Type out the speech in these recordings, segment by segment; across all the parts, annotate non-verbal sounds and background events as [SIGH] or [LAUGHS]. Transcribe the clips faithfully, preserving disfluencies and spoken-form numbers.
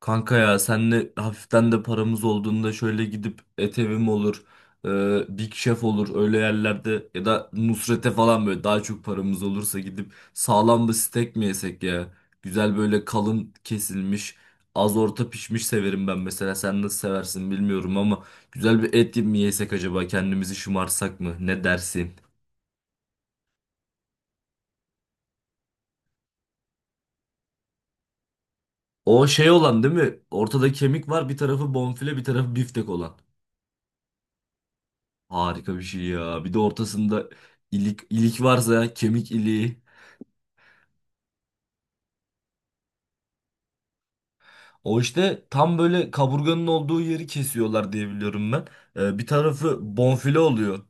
Kanka ya senle hafiften de paramız olduğunda şöyle gidip Et Evim olur, e, Big Chef olur öyle yerlerde ya da Nusret'e falan böyle daha çok paramız olursa gidip sağlam bir steak mi yesek ya? Güzel böyle kalın kesilmiş, az orta pişmiş severim ben mesela. Sen nasıl seversin bilmiyorum ama güzel bir et mi yesek acaba kendimizi şımarsak mı? Ne dersin? O şey olan değil mi? Ortada kemik var bir tarafı bonfile bir tarafı biftek olan. Harika bir şey ya. Bir de ortasında ilik, ilik varsa kemik iliği. O işte tam böyle kaburganın olduğu yeri kesiyorlar diye biliyorum ben. Ee, bir tarafı bonfile oluyor.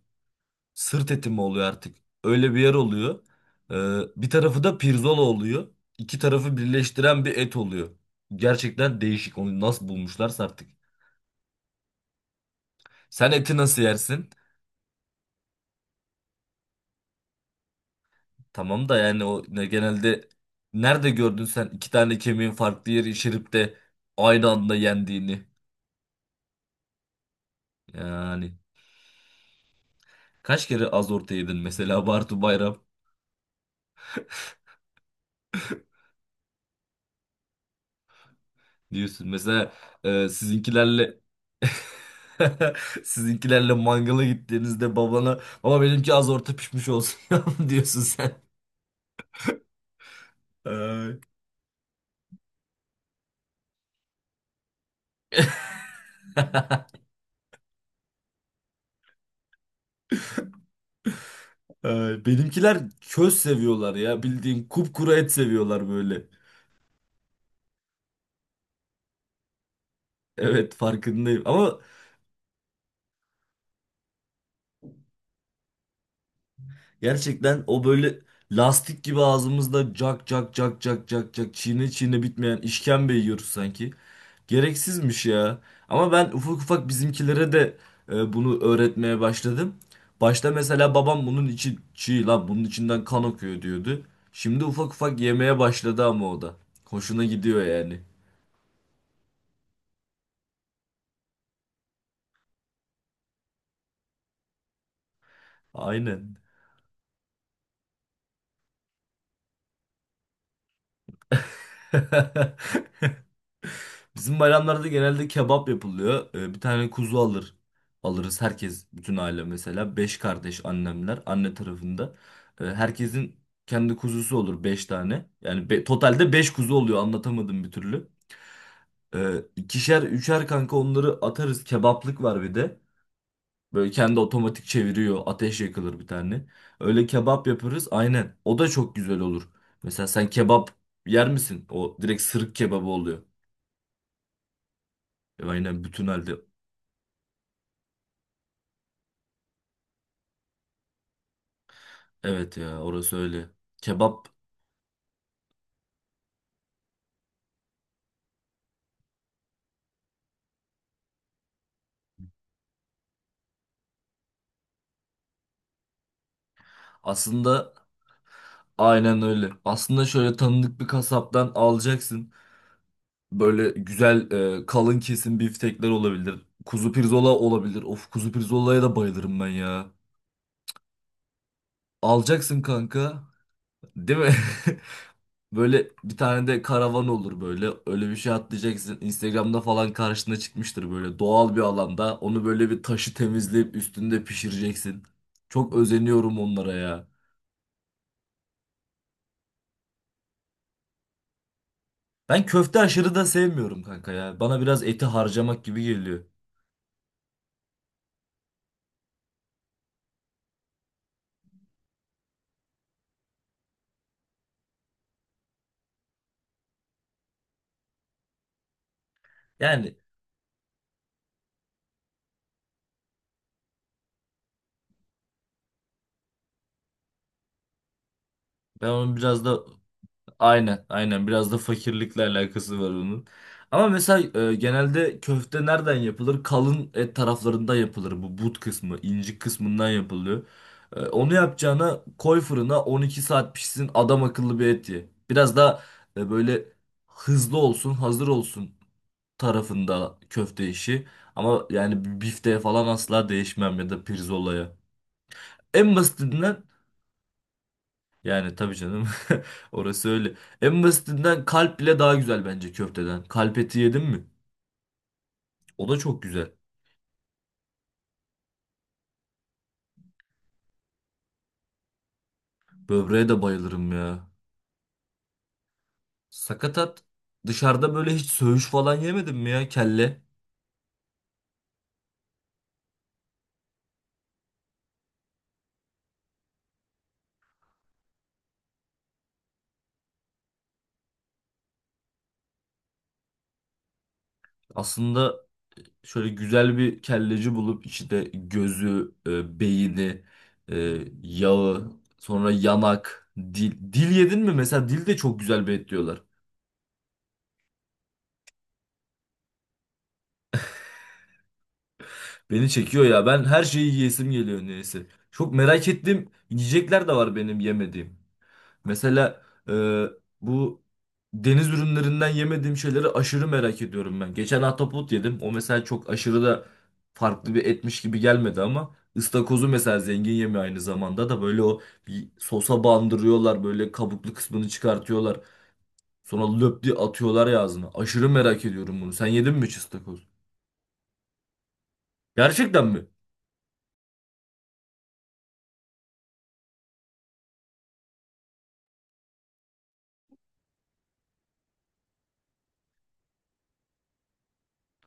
Sırt eti mi oluyor artık? Öyle bir yer oluyor. Ee, bir tarafı da pirzola oluyor. İki tarafı birleştiren bir et oluyor. Gerçekten değişik. Onu nasıl bulmuşlarsa artık. Sen eti nasıl yersin? Tamam da yani o ne genelde nerede gördün sen iki tane kemiğin farklı yeri şiripte aynı anda yendiğini? Yani kaç kere az orta yedin mesela [LAUGHS] Bartu Bayram diyorsun. Mesela e, sizinkilerle [LAUGHS] sizinkilerle mangala gittiğinizde babana baba benimki az orta pişmiş olsun [LAUGHS] ya diyorsun sen. Ay, ay. Benimkiler köz seviyorlar ya bildiğin kupkuru et seviyorlar böyle. Evet farkındayım ama gerçekten o böyle lastik gibi ağzımızda cak cak cak cak cak cak çiğne çiğne bitmeyen işkembe yiyoruz sanki. Gereksizmiş ya. Ama ben ufak ufak bizimkilere de e, bunu öğretmeye başladım. Başta mesela babam bunun içi çiğ lan bunun içinden kan akıyor diyordu. Şimdi ufak ufak yemeye başladı ama o da. Hoşuna gidiyor yani. Aynen. [LAUGHS] Bizim bayramlarda genelde kebap yapılıyor. Ee, bir tane kuzu alır. Alırız herkes, bütün aile mesela. Beş kardeş annemler, anne tarafında. Ee, herkesin kendi kuzusu olur beş tane. Yani be- totalde beş kuzu oluyor anlatamadım bir türlü. Ee, ikişer, üçer kanka onları atarız. Kebaplık var bir de. Böyle kendi otomatik çeviriyor. Ateş yakılır bir tane. Öyle kebap yaparız aynen. O da çok güzel olur. Mesela sen kebap yer misin? O direkt sırık kebabı oluyor. E, Aynen bütün halde. Evet ya orası öyle. Kebap aslında aynen öyle. Aslında şöyle tanıdık bir kasaptan alacaksın. Böyle güzel e, kalın kesim biftekler olabilir. Kuzu pirzola olabilir. Of kuzu pirzolaya da bayılırım ben ya. Alacaksın kanka. Değil mi? [LAUGHS] Böyle bir tane de karavan olur böyle. Öyle bir şey atlayacaksın. Instagram'da falan karşına çıkmıştır böyle doğal bir alanda. Onu böyle bir taşı temizleyip üstünde pişireceksin. Çok özeniyorum onlara ya. Ben köfte aşırı da sevmiyorum kanka ya. Bana biraz eti harcamak gibi geliyor. Yani ben onun biraz da aynen aynen biraz da fakirlikle alakası var onun. Ama mesela e, genelde köfte nereden yapılır? Kalın et taraflarında yapılır. Bu but kısmı, incik kısmından yapılıyor. E, onu yapacağına koy fırına on iki saat pişsin adam akıllı bir et ye. Biraz da böyle hızlı olsun, hazır olsun tarafında köfte işi. Ama yani bir bifteye falan asla değişmem ya da pirzolaya. En basitinden yani tabii canım [LAUGHS] orası öyle. En basitinden kalp bile daha güzel bence köfteden. Kalp eti yedim mi? O da çok güzel. Böbreğe de bayılırım ya. Sakatat dışarıda böyle hiç söğüş falan yemedim mi ya kelle? Aslında e, şöyle güzel bir kelleci bulup içinde gözü, e, beyni, e, yağı, sonra yanak, dil. Dil yedin mi? Mesela dil de çok güzel bir et diyorlar. Beni çekiyor ya. Ben her şeyi yiyesim geliyor neyse. Çok merak ettiğim yiyecekler de var benim yemediğim. Mesela e, bu deniz ürünlerinden yemediğim şeyleri aşırı merak ediyorum ben. Geçen ahtapot yedim. O mesela çok aşırı da farklı bir etmiş gibi gelmedi ama ıstakozu mesela zengin yemeği aynı zamanda da böyle o bir sosa bandırıyorlar böyle kabuklu kısmını çıkartıyorlar. Sonra löp diye atıyorlar ya ağzına. Aşırı merak ediyorum bunu. Sen yedin mi hiç ıstakoz? Gerçekten mi?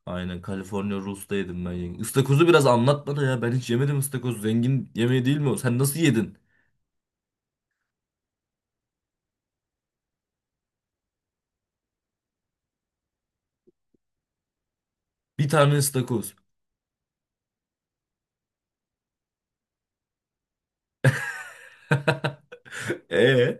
Aynen California Rolls'ta yedim ben. Yenge. Istakozu biraz anlat bana ya. Ben hiç yemedim ıstakoz. Zengin yemeği değil mi o? Sen nasıl yedin? Bir tane ıstakoz. [LAUGHS] Ee?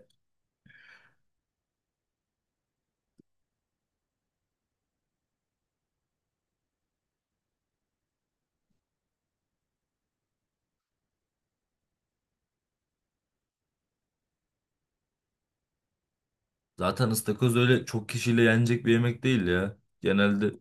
Zaten ıstakoz öyle çok kişiyle yenecek bir yemek değil ya. Genelde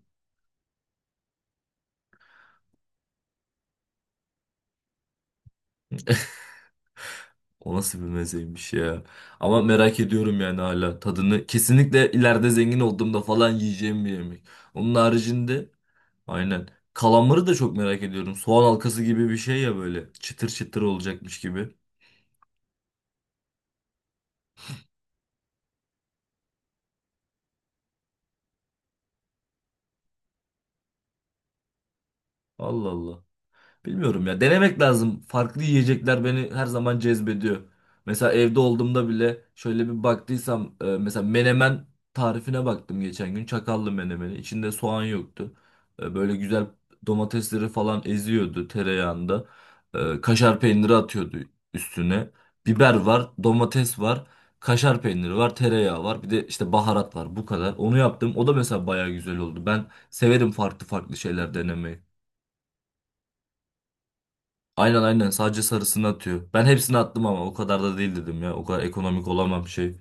o nasıl bir mezeymiş ya. Ama merak ediyorum yani hala tadını. Kesinlikle ileride zengin olduğumda falan yiyeceğim bir yemek. Onun haricinde aynen. Kalamarı da çok merak ediyorum. Soğan halkası gibi bir şey ya böyle. Çıtır çıtır olacakmış gibi. Allah Allah. Bilmiyorum ya. Denemek lazım. Farklı yiyecekler beni her zaman cezbediyor. Mesela evde olduğumda bile şöyle bir baktıysam e, mesela menemen tarifine baktım geçen gün. Çakallı menemeni. İçinde soğan yoktu. E, Böyle güzel domatesleri falan eziyordu tereyağında. E, Kaşar peyniri atıyordu üstüne. Biber var, domates var, kaşar peyniri var, tereyağı var. Bir de işte baharat var. Bu kadar. Onu yaptım. O da mesela bayağı güzel oldu. Ben severim farklı farklı şeyler denemeyi. Aynen aynen sadece sarısını atıyor. Ben hepsini attım ama o kadar da değil dedim ya. O kadar ekonomik olamam şey.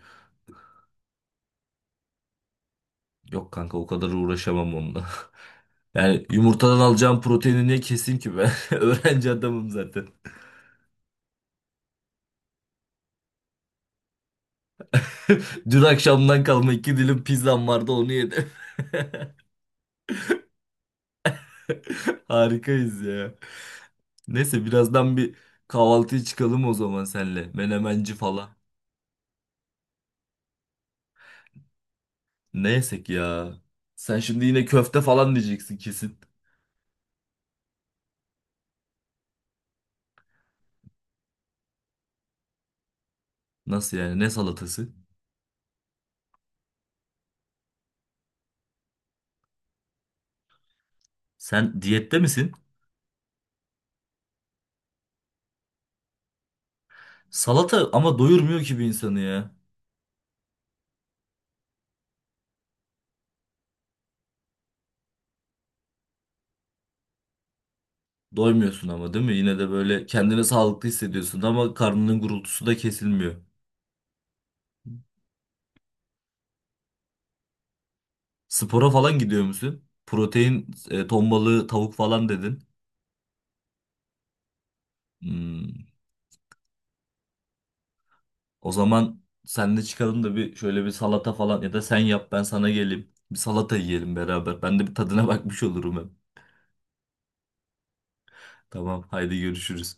Yok kanka o kadar uğraşamam onunla. [LAUGHS] Yani yumurtadan alacağım proteini niye keseyim ki ben? [LAUGHS] Öğrenci adamım zaten. [LAUGHS] Dün akşamdan kalma iki dilim pizzam vardı onu yedim. [LAUGHS] Harikayız ya. Neyse birazdan bir kahvaltıya çıkalım o zaman senle. Menemenci falan. Ne yesek ya? Sen şimdi yine köfte falan diyeceksin kesin. Nasıl yani? Ne salatası? Sen diyette misin? Salata ama doyurmuyor ki bir insanı ya. Doymuyorsun ama değil mi? Yine de böyle kendini sağlıklı hissediyorsun ama karnının gurultusu da kesilmiyor. Spora falan gidiyor musun? Protein, e, ton balığı, tavuk falan dedin. Hmm. O zaman senle çıkalım da bir şöyle bir salata falan ya da sen yap ben sana geleyim. Bir salata yiyelim beraber. Ben de bir tadına [LAUGHS] bakmış olurum hem. Tamam, haydi görüşürüz.